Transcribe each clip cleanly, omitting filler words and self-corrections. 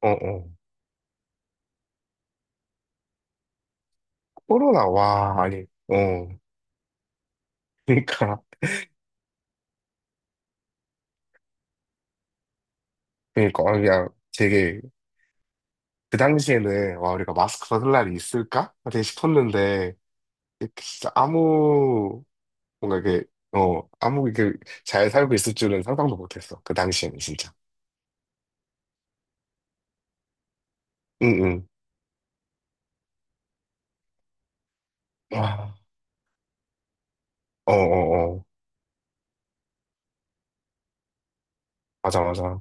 어, 어. 코로나, 와, 아니, 어. 그러니까, 그러니까, 아, 그냥 되게, 그 당시에는, 와, 우리가 마스크 벗을 날이 있을까? 되게 싶었는데, 진짜 아무, 뭔가 이게, 아무 이게 잘 살고 있을 줄은 상상도 못했어. 그 당시에는, 진짜. 응, 응. 와, 어, 어, 어. 맞아, 맞아.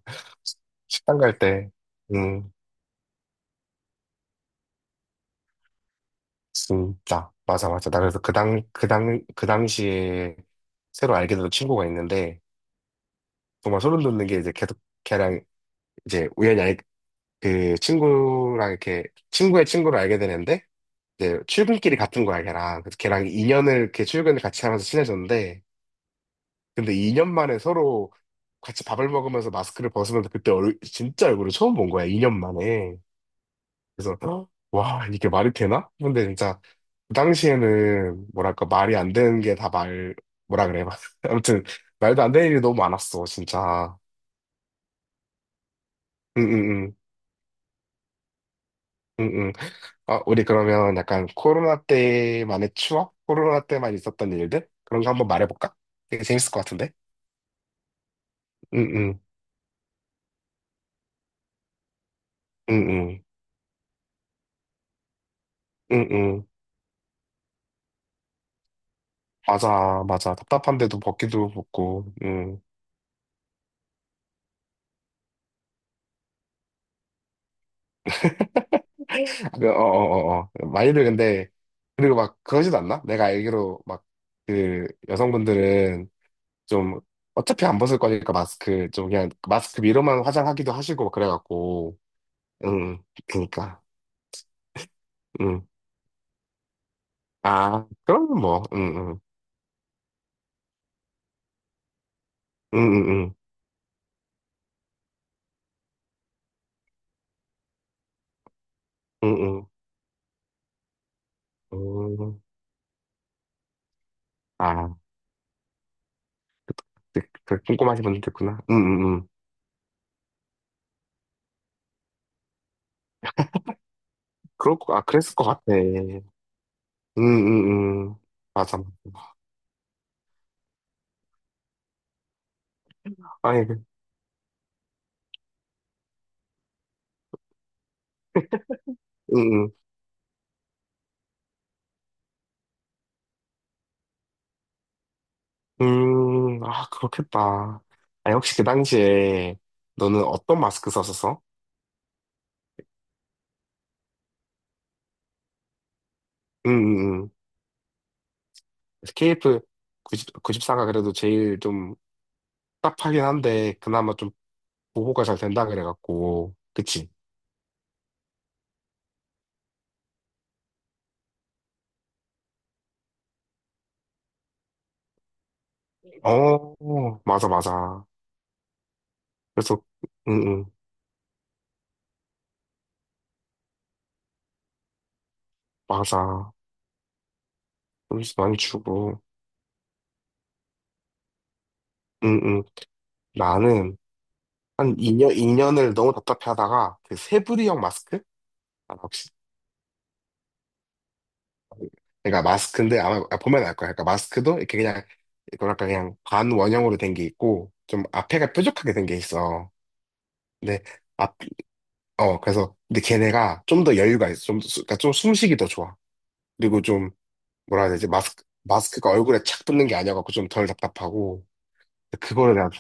식당 갈 때, 응, 진짜. 맞아, 맞아. 나 그래서 그 당시에 새로 알게 된 친구가 있는데, 정말 소름 돋는 게 이제 계속 걔랑 이제 우연히 알, 그 친구랑 이렇게 친구의 친구를 알게 되는데 이제 출근길이 같은 거야 걔랑. 그래서 걔랑 2년을 이렇게 출근을 같이 하면서 친해졌는데 근데 2년 만에 서로 같이 밥을 먹으면서 마스크를 벗으면서 그때 얼 진짜 얼굴을 처음 본 거야, 2년 만에. 그래서 어? 와, 이게 말이 되나? 근데 진짜 그 당시에는 뭐랄까 말이 안 되는 게 다 말 뭐라 그래. 아무튼 말도 안 되는 일이 너무 많았어, 진짜. 응응응. 응응. 아, 우리 그러면 약간 코로나 때만의 추억? 코로나 때만 있었던 일들? 그런 거 한번 말해볼까? 되게 재밌을 것 같은데? 응응, 응응, 응응. 맞아, 맞아. 답답한데도 벗기도 벗고, 응. 그, 어, 어, 어, 어. 많이들 근데, 그리고 막 그러지도 않나? 내가 알기로 막, 그, 여성분들은 좀, 어차피 안 벗을 거니까 마스크, 좀 그냥 마스크 위로만 화장하기도 하시고 막 그래갖고, 응, 그니까, 응. 아, 그럼 뭐, 응, 응, 응, 응. 응. 응응. 응. 응. 어. 아, 그 꼼꼼하게 보면 됐구나. 응응응. 그럴 거, 아, 그랬을 것 같아. 응응응. 맞아. 아니 그- 응응. 아, 그렇겠다. 아니, 혹시 그 당시에 너는 어떤 마스크 썼었어? 응응응. KF 9구십4가 그래도 제일 좀 답하긴 한데, 그나마 좀 보호가 잘 된다 그래갖고. 그치? 어, 맞아, 맞아. 그래서, 응응. 맞아. 좀 많이 주고. 응, 응. 나는 한 2년, 이년을 너무 답답해하다가 그 세부리형 마스크? 아, 혹시 그러니까 마스크인데 아마 아, 보면 알 거야. 그러니까 마스크도 이렇게 그냥 뭐랄까 그냥 반원형으로 된 게 있고 좀 앞에가 뾰족하게 된 게 있어. 근데 앞, 어 그래서 근데 걔네가 좀 더 여유가 있어. 좀 그러니까 좀 숨쉬기 더 좋아. 그리고 좀 뭐라 해야 되지? 마스크 마스크가 얼굴에 착 붙는 게 아니어갖고 좀 덜 답답하고 그거를 내가.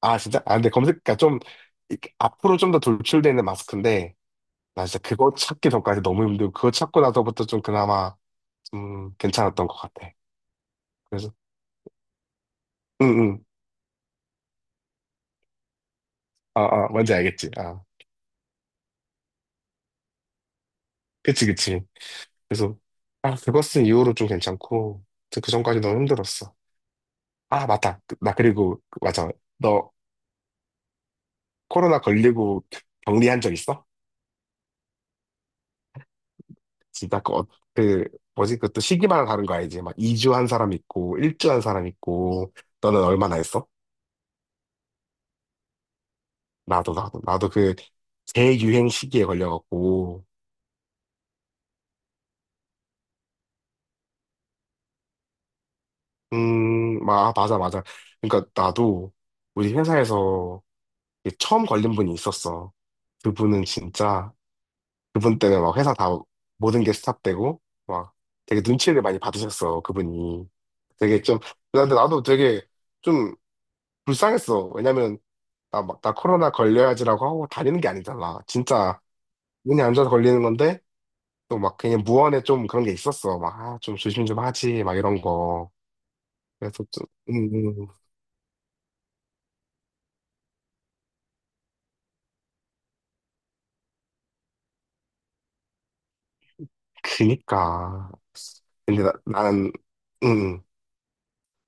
아 진짜? 아 근데 검색 그러니까 좀 이렇게 앞으로 좀 더 돌출되는 마스크인데 나 진짜 그거 찾기 전까지 너무 힘들고, 그거 찾고 나서부터 좀 그나마 좀 괜찮았던 것 같아. 그래서, 응, 응. 아, 아, 뭔지 알겠지. 아, 그치, 그치. 그래서, 아, 그거 쓴 이후로 좀 괜찮고, 그 전까지 너무 힘들었어. 아, 맞다. 그- 나 그리고, 그- 맞아. 너 코로나 걸리고 격리한 적 있어? 진짜 그, 어- 그, 뭐지? 그것도 시기마다 다른 거 알지? 막 2주 한 사람 있고, 1주 한 사람 있고, 너는 얼마나 했어? 나도, 나도, 나도 그, 재유행 시기에 걸려갖고, 마- 아, 맞아, 맞아. 그러니까 나도 우리 회사에서 이게 처음 걸린 분이 있었어. 그분은 진짜, 그분 때문에 막 회사 다 모든 게 스탑되고, 막 되게 눈치를 많이 받으셨어, 그분이. 되게 좀, 근데 나도 되게 좀 불쌍했어. 왜냐면, 나 막, 나 코로나 걸려야지라고 하고 다니는 게 아니잖아. 진짜 운이 안 좋아서 걸리는 건데, 또 막 그냥 무언에 좀 그런 게 있었어. 막, 아, 좀 조심 좀 하지, 막 이런 거. 그래서 좀, 음, 음. 그니까. 근데 나는, 응, 응.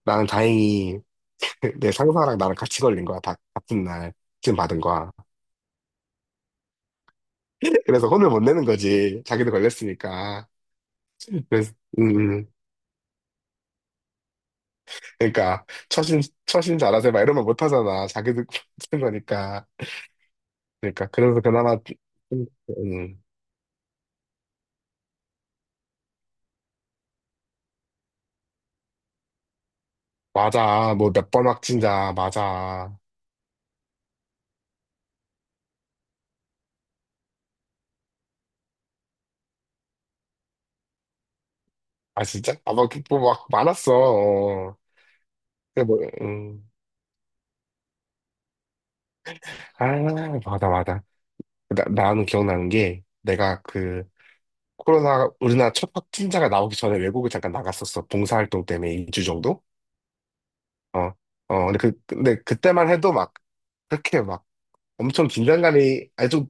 나는 다행히 내 상사랑 나랑 같이 걸린 거야. 다 같은 날 지금 받은 거야. 그래서 혼을 못 내는 거지. 자기도 걸렸으니까. 그래서, 음, 음. 그러니까 처신, 처신 잘하세요. 막 이런 말 못 하잖아. 자기도 그런 거니까. 그러니까 그래서 그나마, 좀, 음, 맞아. 뭐 몇 번 확진자, 맞아. 아, 진짜? 아, 막, 뭐, 막 많았어. 어. 근데 뭐, 아, 맞아, 맞아. 그 나는 기억나는 게 내가 그 코로나 우리나라 첫 확진자가 나오기 전에 외국을 잠깐 나갔었어. 봉사활동 때문에 2주 정도? 어, 어, 근데 그, 근데 그때만 해도 막 그렇게 막 엄청 긴장감이 아주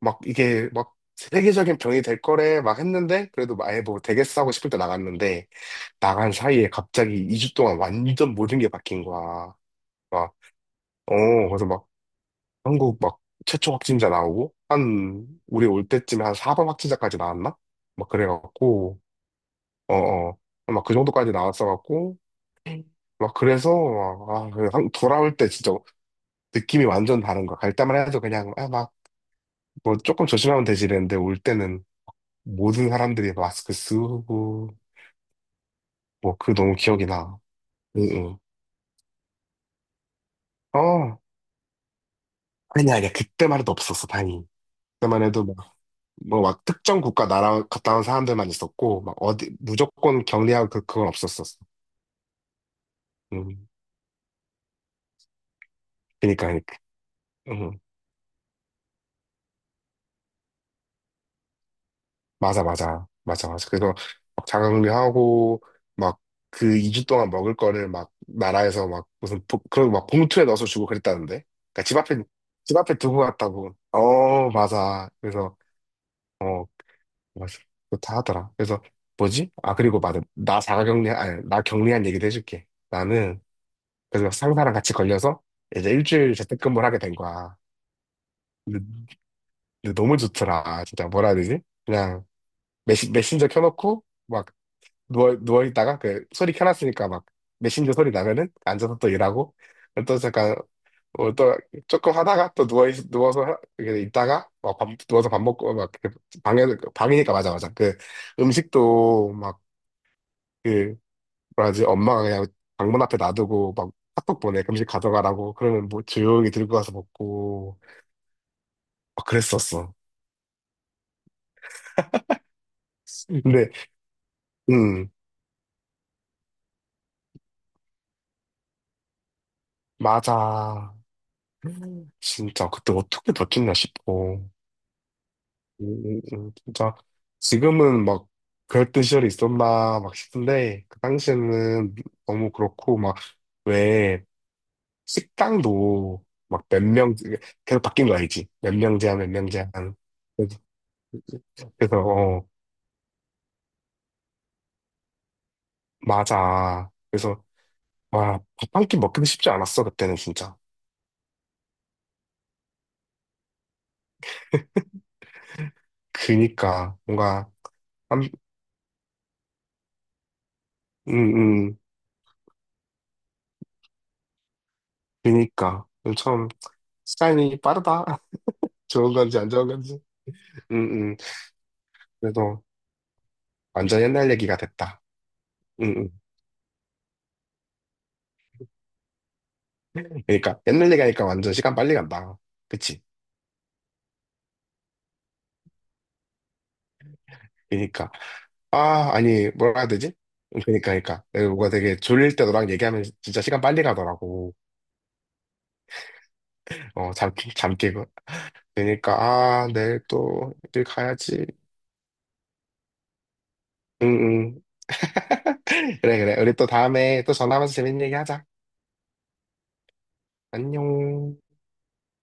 막 이게 막 세계적인 병이 될 거래 막 했는데 그래도 막 아예 뭐 되겠어 하고 싶을 때 나갔는데 나간 사이에 갑자기 2주 동안 완전 모든 게 바뀐 거야. 막, 어, 그래서 막 한국 막 최초 확진자 나오고 한 우리 올 때쯤에 한 4번 확진자까지 나왔나? 막 그래갖고 어어 막 그 정도까지 나왔어갖고 막 그래서 막, 아, 그 돌아올 때 진짜 느낌이 완전 다른 거야. 갈 때만 해도 그냥 아, 막 뭐 조금 조심하면 되지 이랬는데 올 때는 모든 사람들이 마스크 쓰고 뭐 그 너무 기억이 나. 응응. 어 아니야 아니야 그때만 해도 없었어, 다행히. 그때만 해도 뭐 뭐 막 특정 국가 나라 갔다 온 사람들만 있었고 막 어디 무조건 격리하고 그 그건 없었었어. 음. 그러니까 그러니까. 음. 맞아 맞아 맞아 맞아. 그래서 막 자가격리하고 막 그 2주 동안 먹을 거를 막 나라에서 막 무슨 보, 그런 막 봉투에 넣어서 주고 그랬다는데. 그러니까 집 앞에 집 앞에 두고 갔다고. 어 맞아. 그래서 어 맞아. 그렇다 하더라. 그래서 뭐지? 아 그리고 맞아. 나 자가격리 아니 나 격리한 얘기도 해줄게. 나는 그래서 상사랑 같이 걸려서 이제 1주일 재택근무를 하게 된 거야. 근데, 근데 너무 좋더라. 진짜 뭐라 해야 되지? 그냥 메신저 켜놓고 막 누워있다가 그 소리 켜놨으니까 막 메신저 소리 나면은 앉아서 또 일하고 또 잠깐 어, 또 조금 하다가 또 누워서 이렇게 있다가 막 밥, 누워서 밥 먹고 막 이렇게 방에 방이니까 맞아 맞아 그 음식도 막그 뭐라지 엄마가 그냥 방문 앞에 놔두고 막 카톡 보내 음식 가져가라고 그러면 뭐 조용히 들고 가서 먹고. 아, 그랬었어. 근데, 음, 맞아. 진짜, 그때 어떻게 다쳤나 싶어. 진짜, 지금은 막, 그랬던 시절이 있었나, 막 싶은데, 그 당시에는 너무 그렇고, 막, 왜, 식당도, 막, 몇 명, 계속 바뀐 거 알지? 몇 명 제한, 몇 명 제한. 그래서, 그래서, 어, 맞아. 그래서, 와, 밥 한 끼 먹기도 쉽지 않았어, 그때는 진짜. 그니까, 뭔가, 한, 음, 음. 그니까 참 시간이 빠르다. 좋은 건지 안 좋은 건지. 응응. 그래도 완전 옛날 얘기가 됐다. 응응. 그러니까 옛날 얘기하니까 완전 시간 빨리 간다. 그치? 그니까 러아 아니 뭐라 해야 되지? 그니까 러 그니까 내가 뭐가 되게 졸릴 때 너랑 얘기하면 진짜 시간 빨리 가더라고. 어잠잠 깨고. 그니까 러아 내일 또일 가야지. 응응. 그래 그래. 우리 또 다음에 또 전화하면서 재밌는 얘기 하자. 안녕.